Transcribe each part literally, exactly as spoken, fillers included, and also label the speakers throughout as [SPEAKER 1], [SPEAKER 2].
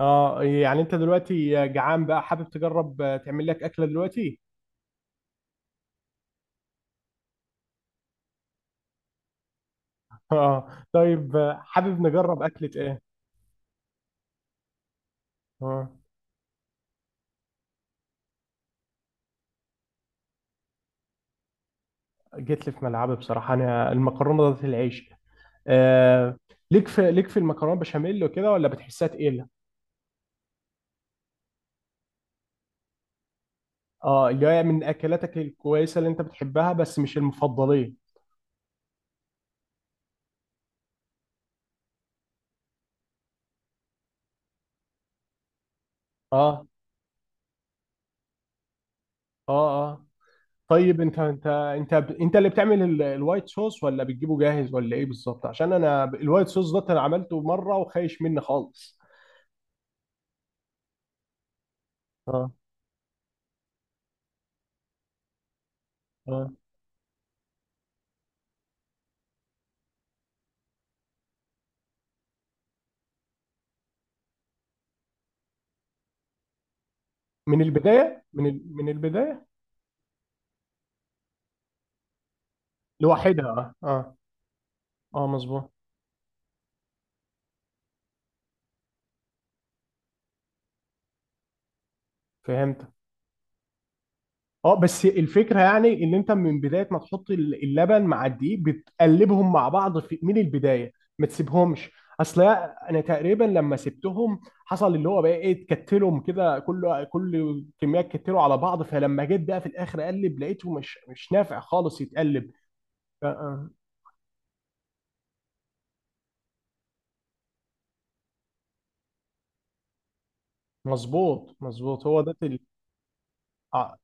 [SPEAKER 1] اه يعني انت دلوقتي جعان بقى حابب تجرب آه، تعمل لك اكله دلوقتي. اه طيب، آه، حابب نجرب اكله ايه؟ اه جيت لي في ملعبي، بصراحه انا المكرونه ذات العيش. آه. ليك في ليك في المكرونه بشاميل وكده، ولا بتحسها تقيله؟ اه، اللي هي من اكلاتك الكويسه اللي انت بتحبها، بس مش المفضليه. اه، اه، اه. طيب، انت انت انت انت اللي بتعمل ال- الوايت صوص، ولا بتجيبه جاهز، ولا ايه بالظبط؟ عشان انا ب- الوايت صوص ده انا عملته مره وخايش مني خالص. اه. اه. من البداية، من ال... من البداية. لوحدها، اه. اه، اه، مظبوط. فهمت. اه، بس الفكرة يعني ان انت من بداية ما تحط ال- اللبن مع الدقيق بتقلبهم مع بعض في... من البداية. ما تسيبهمش. اصل انا تقريبا لما سبتهم حصل اللي هو بقى ايه، اتكتلهم كده، كل كل كمية اتكتلوا على بعض، فلما جيت بقى في الاخر اقلب لقيته مش مش نافع خالص يتقلب. آه، آه. مظبوط، مظبوط، هو ده ال... آه.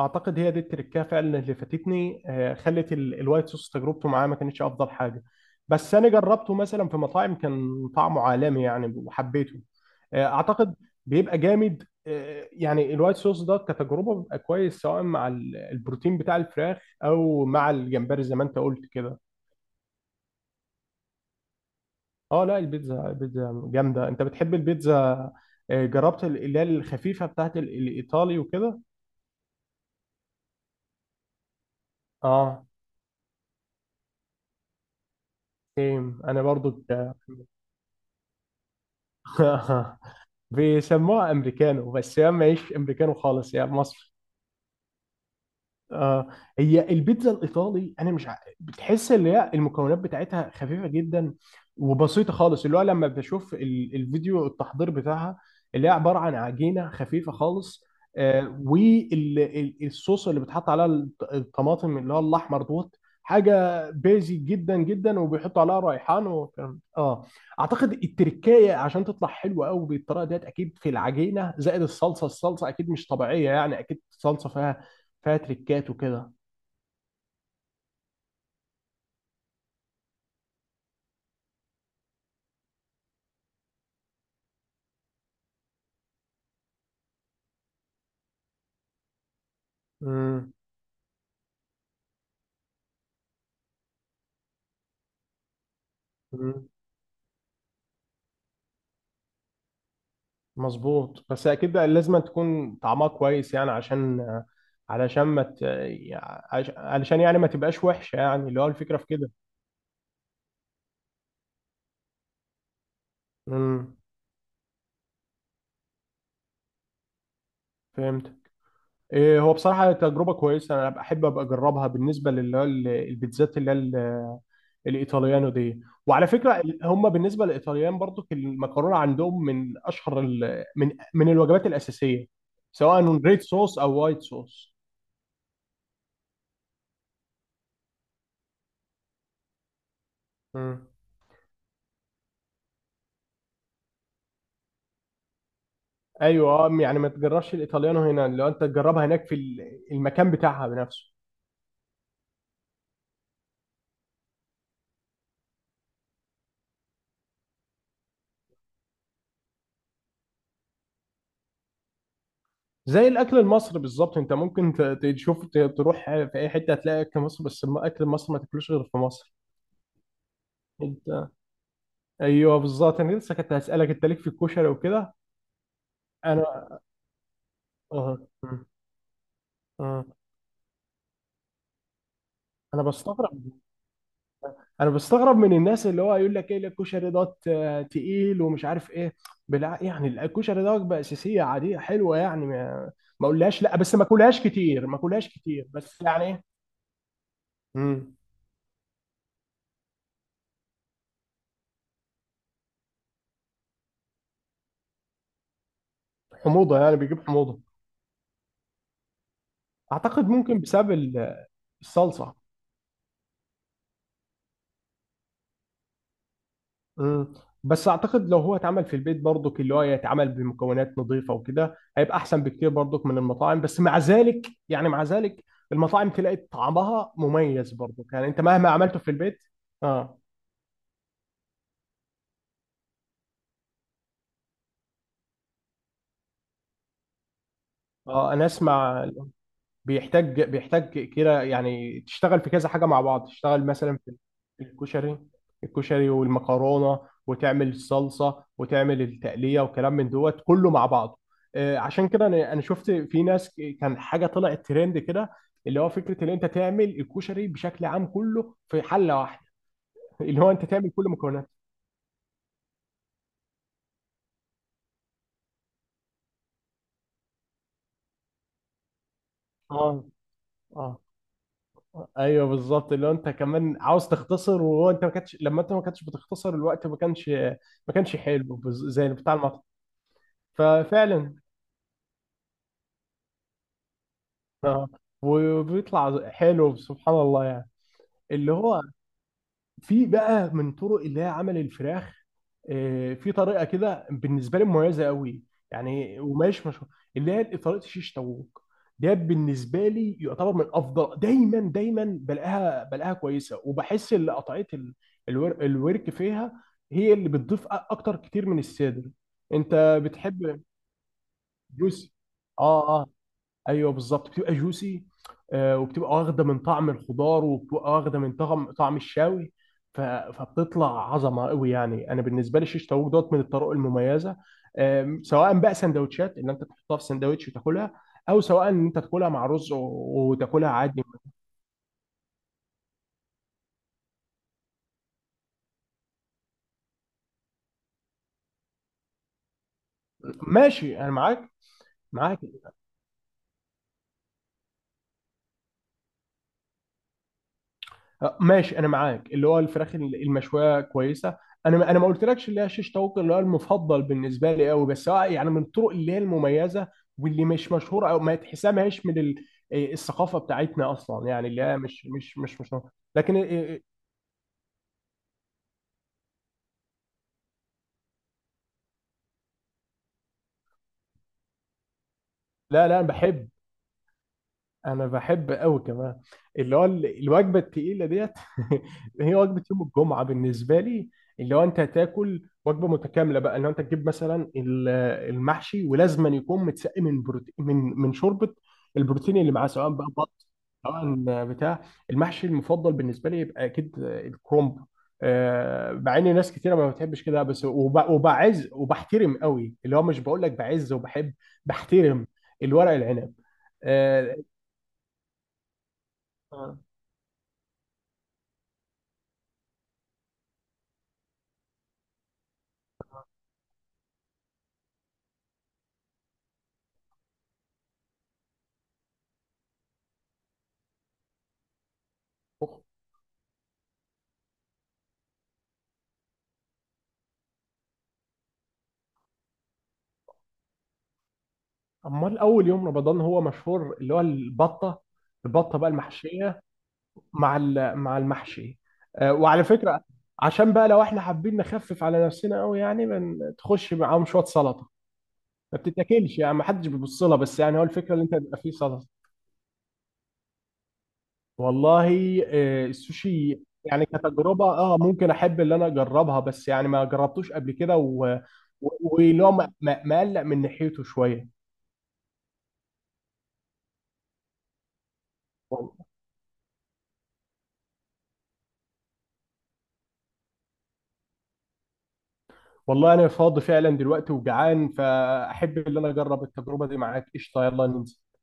[SPEAKER 1] اعتقد هي دي التركية فعلا اللي فاتتني، آه، خلت ال- الوايت صوص تجربته معاه ما كانتش افضل حاجة. بس انا جربته مثلا في مطاعم كان طعمه عالمي يعني، وحبيته. آه، اعتقد بيبقى جامد، آه، يعني الوايت صوص ده كتجربة بيبقى كويس، سواء مع ال- البروتين بتاع الفراخ او مع الجمبري زي ما انت قلت كده. اه، لا، البيتزا، البيتزا جامدة. انت بتحب البيتزا؟ آه، جربت ال- اللي هي الخفيفة بتاعت ال- الايطالي وكده؟ اه. سيم انا برضو. ك- بيسموها امريكانو، بس هي ماهيش امريكانو خالص، هي مصري. آه. هي البيتزا الايطالي انا مش ع... بتحس اللي هي المكونات بتاعتها خفيفه جدا وبسيطه خالص، اللي هو لما بشوف ال- الفيديو التحضير بتاعها، اللي هي عباره عن عجينه خفيفه خالص. آه، والصوص اللي بتحط عليها الط- الطماطم اللي هو الاحمر دوت، حاجه بيزي جدا جدا، وبيحطوا عليها ريحان. وكان اه اعتقد التركايه عشان تطلع حلوه قوي بالطريقه ديت، اكيد في العجينه زائد الصلصه، الصلصه اكيد مش طبيعيه، يعني اكيد صلصه فيها فيها تريكات وكده. امم. امم. مظبوط، بس اكيد لازم تكون طعمها كويس، يعني عشان علشان ما ت... عش- علشان يعني ما تبقاش وحشه، يعني اللي هو الفكره في كده. امم. فهمت. إيه، هو بصراحه تجربه كويسه، انا بحب ابقى اجربها بالنسبه للي هو ال- البيتزات اللي هي ال- الايطاليانو دي. وعلى فكره ال- هم بالنسبه للايطاليان برضو المكرونه عندهم من اشهر ال... من من الوجبات الاساسيه، سواء ريد صوص او وايت صوص. ايوه، اه، يعني ما تجربش الايطاليانو هنا، لو انت تجربها هناك في ال- المكان بتاعها بنفسه. زي الاكل المصري بالظبط، انت ممكن ت- تشوف ت- تروح في اي حته هتلاقي اكل مصر، بس الم- اكل مصر ما تاكلوش غير في مصر. انت، ايوه بالظبط، انا لسه كنت هسالك انت ليك في الكشري وكده. انا، اه، آه. انا بستغرب، انا بستغرب من الناس اللي هو يقول لك ايه الكشري دوت آه، تقيل ومش عارف ايه. بلا يعني، الكشري ده وجبه اساسيه عاديه حلوه، يعني ما ما اقولهاش لا، بس ما اكلهاش كتير، ما اكلهاش كتير، بس يعني ايه. مم. حموضه يعني، بيجيب حموضه. اعتقد ممكن بسبب ال- الصلصه. مم. بس اعتقد لو هو اتعمل في البيت برضك، اللي هو يتعمل بمكونات نظيفه وكده، هيبقى احسن بكتير برضك من المطاعم، بس مع ذلك يعني، مع ذلك المطاعم تلاقي طعمها مميز برضك، يعني انت مهما عملته في البيت. اه. اه، انا اسمع. بيحتاج بيحتاج كده يعني تشتغل في كذا حاجه مع بعض، تشتغل مثلا في الكشري، الكشري والمكرونه، وتعمل الصلصه وتعمل التقليه وكلام من دوت كله مع بعضه. آه، عشان كده انا انا شفت في ناس كان حاجه طلعت ترند كده، اللي هو فكره ان انت تعمل الكشري بشكل عام كله في حله واحده، اللي هو انت تعمل كل مكونات. اه. اه. ايوه بالظبط، اللي هو انت كمان عاوز تختصر، وهو انت ما كانتش لما انت ما كانتش بتختصر الوقت، ما كانش، ما كانش حلو بز- زي بتاع المطعم. ففعلا، اه. وبيطلع حلو سبحان الله يعني. اللي هو في بقى من طرق اللي هي عمل الفراخ، آه، في طريقه كده بالنسبه لي مميزه قوي، يعني ومش مشهور، اللي هي طريقه الشيش طاووق. ده بالنسبه لي يعتبر من افضل، دايما دايما بلاقيها، بلاقيها كويسه، وبحس ان قطعيه ال- الور- الورك فيها هي اللي بتضيف أ- اكتر كتير من الصدر. انت بتحب. جوسي. اه، آه. ايوه بالظبط، بتبقى جوسي. آه، وبتبقى واخده من طعم الخضار، وبتبقى واخده من طعم طعم الشاوي. ف- فبتطلع عظمه قوي، يعني انا بالنسبه لي شيش طاووق دوت من الطرق المميزه. آم، سواء بقى سندوتشات ان انت تحطها في سندوتش وتاكلها، او سواء ان انت تاكلها مع رز و- وتاكلها عادي. ماشي انا معاك. معاك. آه، ماشي انا معاك، اللي هو الفراخ المشويه كويسه. انا انا ما قلتلكش اللي هي شيش طاووق اللي هو المفضل بالنسبه لي قوي، بس هو يعني من الطرق اللي هي المميزه، واللي مش مشهوره، او ما تحسها ما هيش من ال- آه، الثقافه بتاعتنا اصلا، يعني اللي هي مش مش مش مش مشهورة. لكن، آه، آه، لا لا، بحب، انا بحب قوي كمان اللي هو ال- الوجبه التقيله ديت. هي وجبه يوم الجمعه بالنسبه لي، اللي هو انت هتاكل وجبه متكامله بقى، اللي هو انت تجيب مثلا ال- المحشي، ولازما يكون متسقي من بروتين، من من شوربه. البروتين اللي معاه سواء بقى بط، سواء بتاع، المحشي المفضل بالنسبه لي يبقى اكيد الكرنب. آه، مع ان ناس كتيره ما بتحبش كده، بس وب- وبعز وبحترم قوي، اللي هو مش بقول لك بعز وبحب، بحترم الورق العنب. آه، آه. أخ- امال اول يوم رمضان هو مشهور اللي هو البطه، البطه بقى المحشيه مع ال- مع المحشي. آه، وعلى فكره، عشان بقى لو احنا حابين نخفف على نفسنا قوي يعني، بن- تخش معاهم شويه سلطه ما بتتاكلش، يعني ما حدش بيبص لها، بس يعني هو الفكره اللي انت بيبقى فيه سلطه. والله، آه، السوشي يعني كتجربه اه ممكن احب اللي انا اجربها، بس يعني ما جربتوش قبل كده و- و- واللي هو م- م- مقلق من ناحيته شويه. والله انا فاضي فعلا دلوقتي وجعان، فاحب ان انا اجرب التجربه دي معاك. قشطه، يلا ننزل.